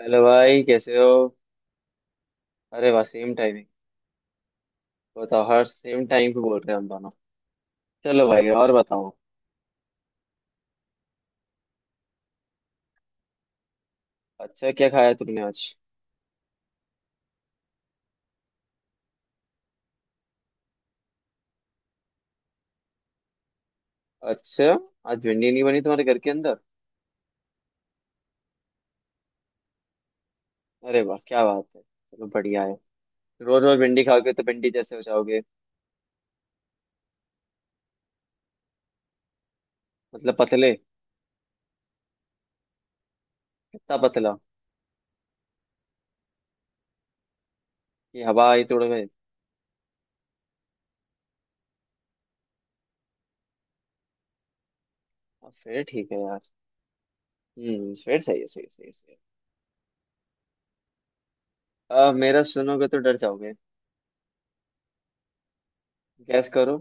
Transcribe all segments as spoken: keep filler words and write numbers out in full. Hello भाई कैसे हो। अरे वाह सेम टाइमिंग। बताओ हर सेम टाइम पे बोल रहे हैं हम दोनों। चलो भाई और बताओ। अच्छा क्या खाया तुमने आज। अच्छा आज भिंडी नहीं बनी तुम्हारे घर के अंदर। अरे वाह क्या बात है, चलो बढ़िया है। रोज रोज भिंडी खाओगे तो भिंडी जैसे हो जाओगे। मतलब पतले। कितना पतला। कि हवा आई तोड़ में। अब फिर ठीक है यार। हम्म फिर सही है सही है, सही है, सही है। अब मेरा सुनोगे तो डर जाओगे। गैस करो।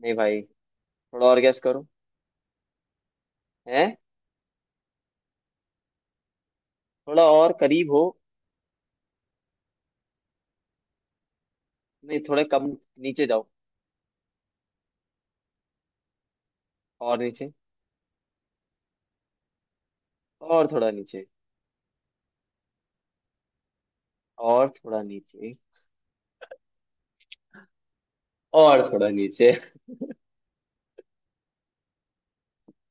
नहीं भाई, थोड़ा और गैस करो। हैं। थोड़ा और करीब हो। नहीं थोड़े कम, नीचे जाओ। और नीचे। और थोड़ा नीचे। और थोड़ा नीचे। और थोड़ा नीचे।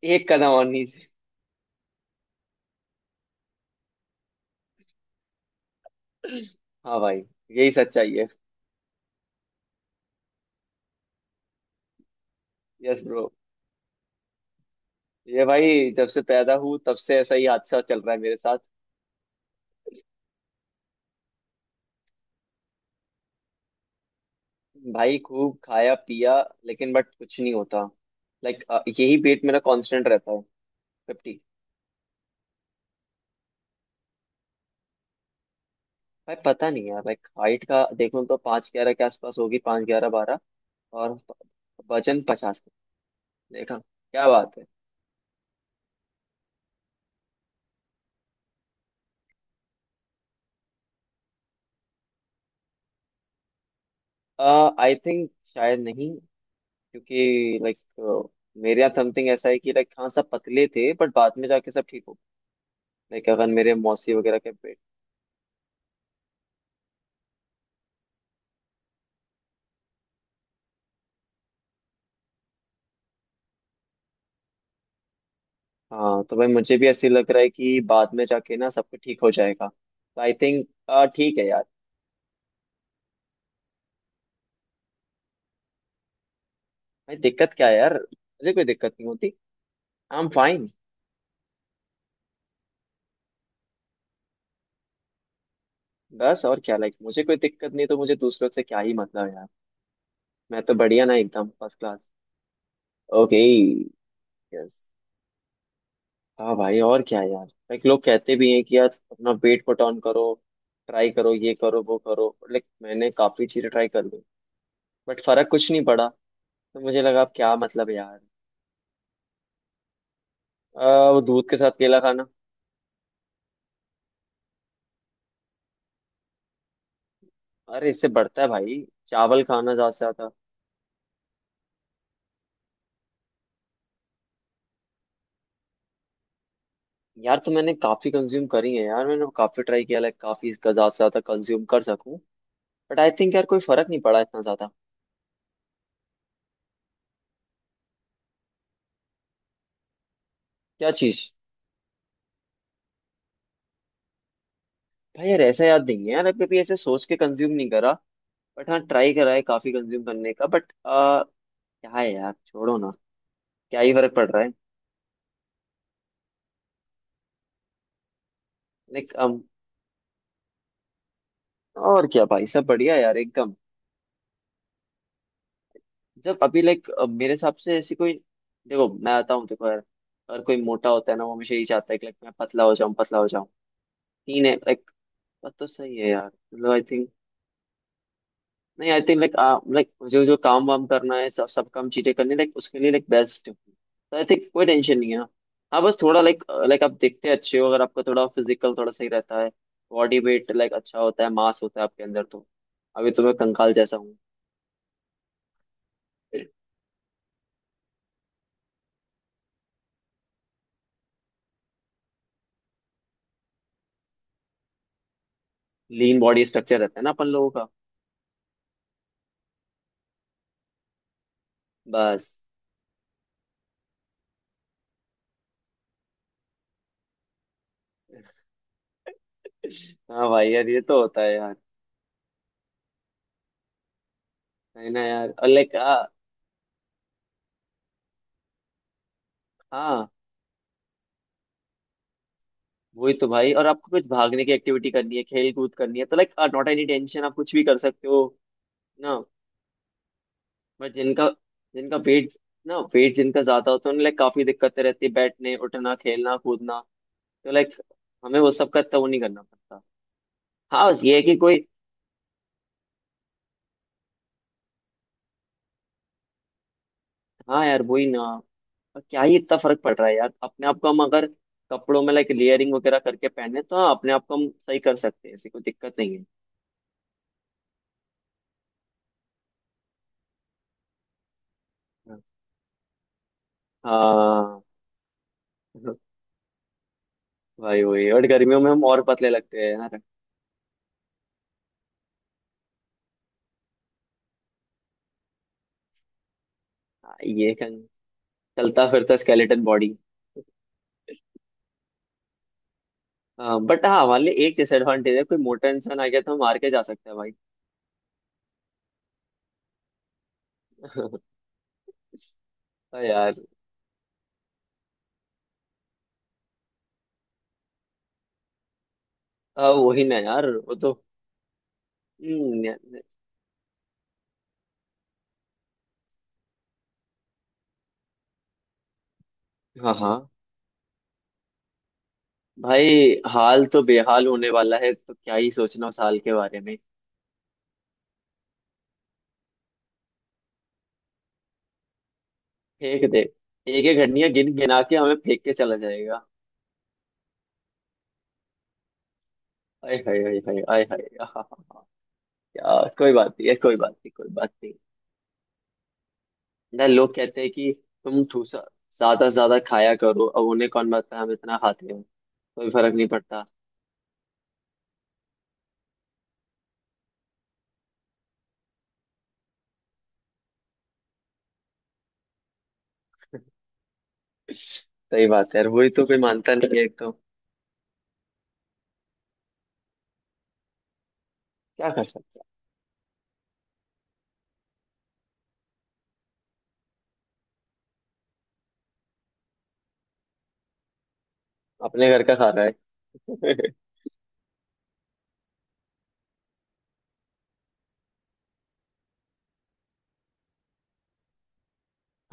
एक कदम और नीचे। हाँ भाई, यही सच्चाई है। Yes bro. ये भाई जब से पैदा हूँ तब से ऐसा ही हादसा चल रहा है मेरे साथ। भाई खूब खाया पिया, लेकिन बट कुछ नहीं होता। लाइक, यही वेट मेरा कांस्टेंट रहता है। फिफ्टी। भाई पता नहीं यार, लाइक हाइट का देखूं तो पाँच ग्यारह के आसपास होगी, पाँच ग्यारह बारह। और वजन पचास। देखा क्या बात है। आई थिंक शायद नहीं। क्योंकि लाइक मेरे यहाँ समथिंग ऐसा है कि लाइक हाँ सब पतले थे बट बाद में जाके सब ठीक हो गए। लाइक अगर मेरे मौसी वगैरह के पेट। हाँ तो भाई मुझे भी ऐसे लग रहा है कि बाद में जाके ना सब कुछ ठीक हो जाएगा, तो आई थिंक ठीक है यार। भाई दिक्कत क्या है यार, मुझे कोई दिक्कत नहीं होती। I am fine. बस और क्या लाइक, मुझे कोई दिक्कत नहीं तो मुझे दूसरों से क्या ही मतलब है यार। मैं तो बढ़िया ना, एकदम फर्स्ट क्लास। ओके। यस। हाँ भाई और क्या है यार, लाइक लोग कहते भी हैं कि यार अपना वेट को टर्न करो, ट्राई करो ये करो वो करो, लाइक मैंने काफी चीजें ट्राई कर ली बट फर्क कुछ नहीं पड़ा। तो मुझे लगा अब क्या मतलब है यार। आ, वो दूध के साथ केला खाना। अरे इससे बढ़ता है भाई। चावल खाना ज्यादा से ज्यादा। यार तो मैंने काफी कंज्यूम करी है यार, मैंने काफी ट्राई किया लाइक, काफी इसका ज्यादा से ज्यादा कंज्यूम कर सकूं बट आई थिंक यार कोई फर्क नहीं पड़ा इतना ज्यादा। क्या चीज। भाई यार ऐसा याद नहीं है यार, अब कभी ऐसे सोच के कंज्यूम नहीं करा बट हाँ, ट्राई करा है काफी कंज्यूम करने का बट क्या है यार, छोड़ो ना, क्या ही फर्क पड़ रहा है। लाइक और क्या भाई सब बढ़िया यार, एकदम। जब अभी लाइक मेरे हिसाब से ऐसी कोई, देखो मैं आता हूँ देखो यार, अगर कोई मोटा होता है ना वो हमेशा यही चाहता है कि लाइक मैं पतला हो जाऊं पतला हो जाऊं। तीन है लाइक। बात तो सही है यार, मतलब आई थिंक, नहीं आई थिंक लाइक, लाइक जो जो काम वाम करना है, सब सब काम चीजें करनी, लाइक उसके लिए लाइक बेस्ट तो आई थिंक कोई टेंशन नहीं है। हाँ बस थोड़ा लाइक, लाइक आप दिखते अच्छे हो अगर आपका थोड़ा फिजिकल थोड़ा सही रहता है, बॉडी वेट लाइक अच्छा होता है, मास होता है आपके अंदर तो। अभी तो मैं कंकाल जैसा हूँ। लीन बॉडी स्ट्रक्चर रहता है ना अपन लोगों का। बस। हाँ भाई यार ये तो होता है यार। है ना यार, और लाइक हाँ वही तो भाई, और आपको कुछ भागने की एक्टिविटी करनी है, खेल कूद करनी है, तो लाइक नॉट एनी टेंशन, आप कुछ भी कर सकते हो ना। बट जिनका जिनका वेट, ना वेट जिनका ज्यादा होता है उन्हें लाइक काफी दिक्कतें रहती है, बैठने उठना खेलना कूदना। तो लाइक हमें वो सब का इतना वो नहीं करना पड़ता। हाँ बस ये है कि कोई। हाँ यार, वही ना। और क्या ही इतना फर्क पड़ रहा है यार, अपने आप को हम अगर कपड़ों में लाइक लेयरिंग वगैरह करके पहने तो हाँ, अपने आप को हम सही कर सकते हैं, ऐसी कोई दिक्कत नहीं है। हाँ भाई वही, और गर्मियों में हम और पतले लगते हैं यार। हाँ, ये कं- चलता फिरता स्केलेटन बॉडी। हाँ बट हाँ, हमारे लिए एक डिसएडवांटेज है, कोई मोटा इंसान आ गया तो हम मार के जा सकते हैं भाई। हाँ यार, हाँ वही ना यार, वो तो। हम्म, या- या- हाँ हाँ। भाई हाल तो बेहाल होने वाला है, तो क्या ही सोचना उस हाल के बारे में। फेंक दे। एक एक घड़िया गिन गिना के हमें फेंक के चला जाएगा। आय हाय हाय हाय आय हाय, हाँ हाँ हाँ। यार कोई बात नहीं है, कोई बात नहीं, कोई बात नहीं। ना लोग कहते हैं कि तुम ठूसा, ज्यादा से ज्यादा खाया करो, अब उन्हें कौन बताता है हम इतना खाते हैं। कोई फर्क नहीं पड़ता। सही बात है यार, वही तो, कोई मानता नहीं है एकदम। क्या कर सकते हैं, अपने घर का खाना है।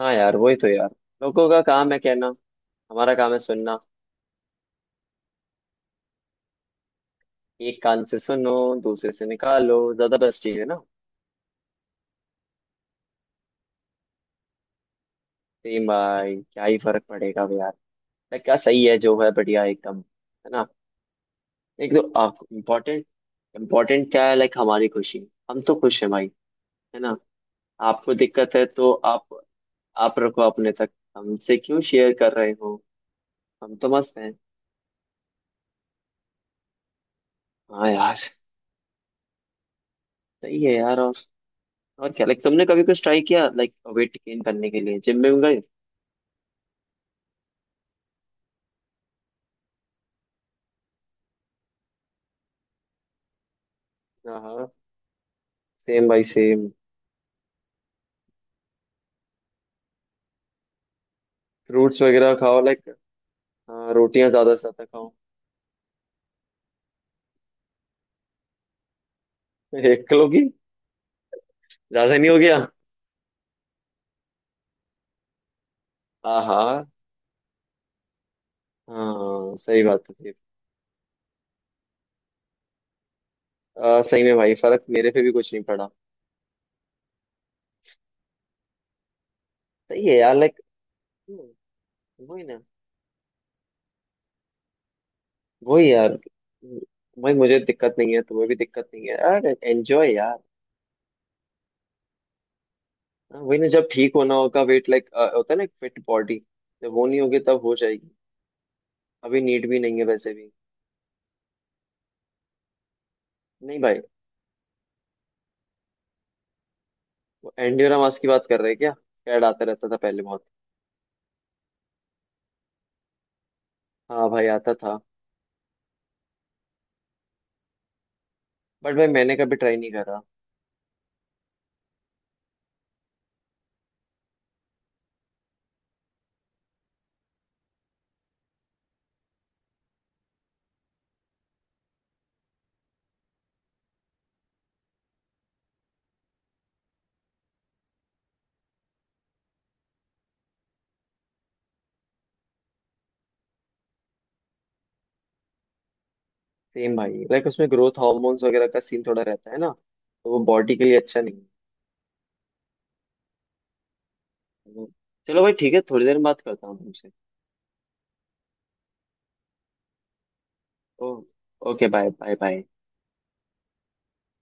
हाँ यार वही तो यार, लोगों का काम है कहना, हमारा काम है सुनना। एक कान से सुनो, दूसरे से निकालो, ज्यादा बेस्ट चीज है ना। सेम भाई, क्या ही फर्क पड़ेगा अब यार। लाइक, क्या सही है जो है, बढ़िया एकदम है ना। एक तो इम्पोर्टेंट, इम्पोर्टेंट क्या है लाइक, हमारी खुशी, हम तो खुश है भाई। है ना। आपको दिक्कत है तो आप आप रखो अपने तक, हमसे क्यों शेयर कर रहे हो। हम तो मस्त हैं। हाँ यार। सही है यार। और क्या लाइक, तुमने कभी कुछ ट्राई किया लाइक वेट गेन करने के लिए, जिम में गए। हाँ हाँ, सेम भाई सेम। फ्रूट्स वगैरह खाओ लाइक। हाँ, रोटियां ज्यादा से ज्यादा खाओ। एक किलो की। ज्यादा नहीं हो गया। हाँ हाँ हाँ, सही बात है सही। आ, सही में भाई फर्क मेरे पे भी कुछ नहीं पड़ा। सही है यार लाइक। वही ना, वही यार। भाई मुझे दिक्कत नहीं है, तुम्हें भी दिक्कत नहीं है, यार एंजॉय यार। हाँ, वही ना, जब ठीक होना होगा वेट लाइक, होता है ना फिट बॉडी, जब वो नहीं होगी तब हो जाएगी। अभी नीड भी नहीं है वैसे भी। नहीं भाई। वो एंडियोरा मास की बात कर रहे हैं क्या। कैड आता रहता था पहले बहुत। हाँ भाई, आता था। बट भाई मैंने कभी ट्राई नहीं करा। सेम भाई, लाइक उसमें ग्रोथ हार्मोन्स वगैरह का सीन थोड़ा रहता है ना, तो वो बॉडी के लिए अच्छा नहीं है। तो- चलो भाई ठीक है, थोड़ी देर में बात करता हूँ तुमसे। ओ ओके, बाय बाय बाय।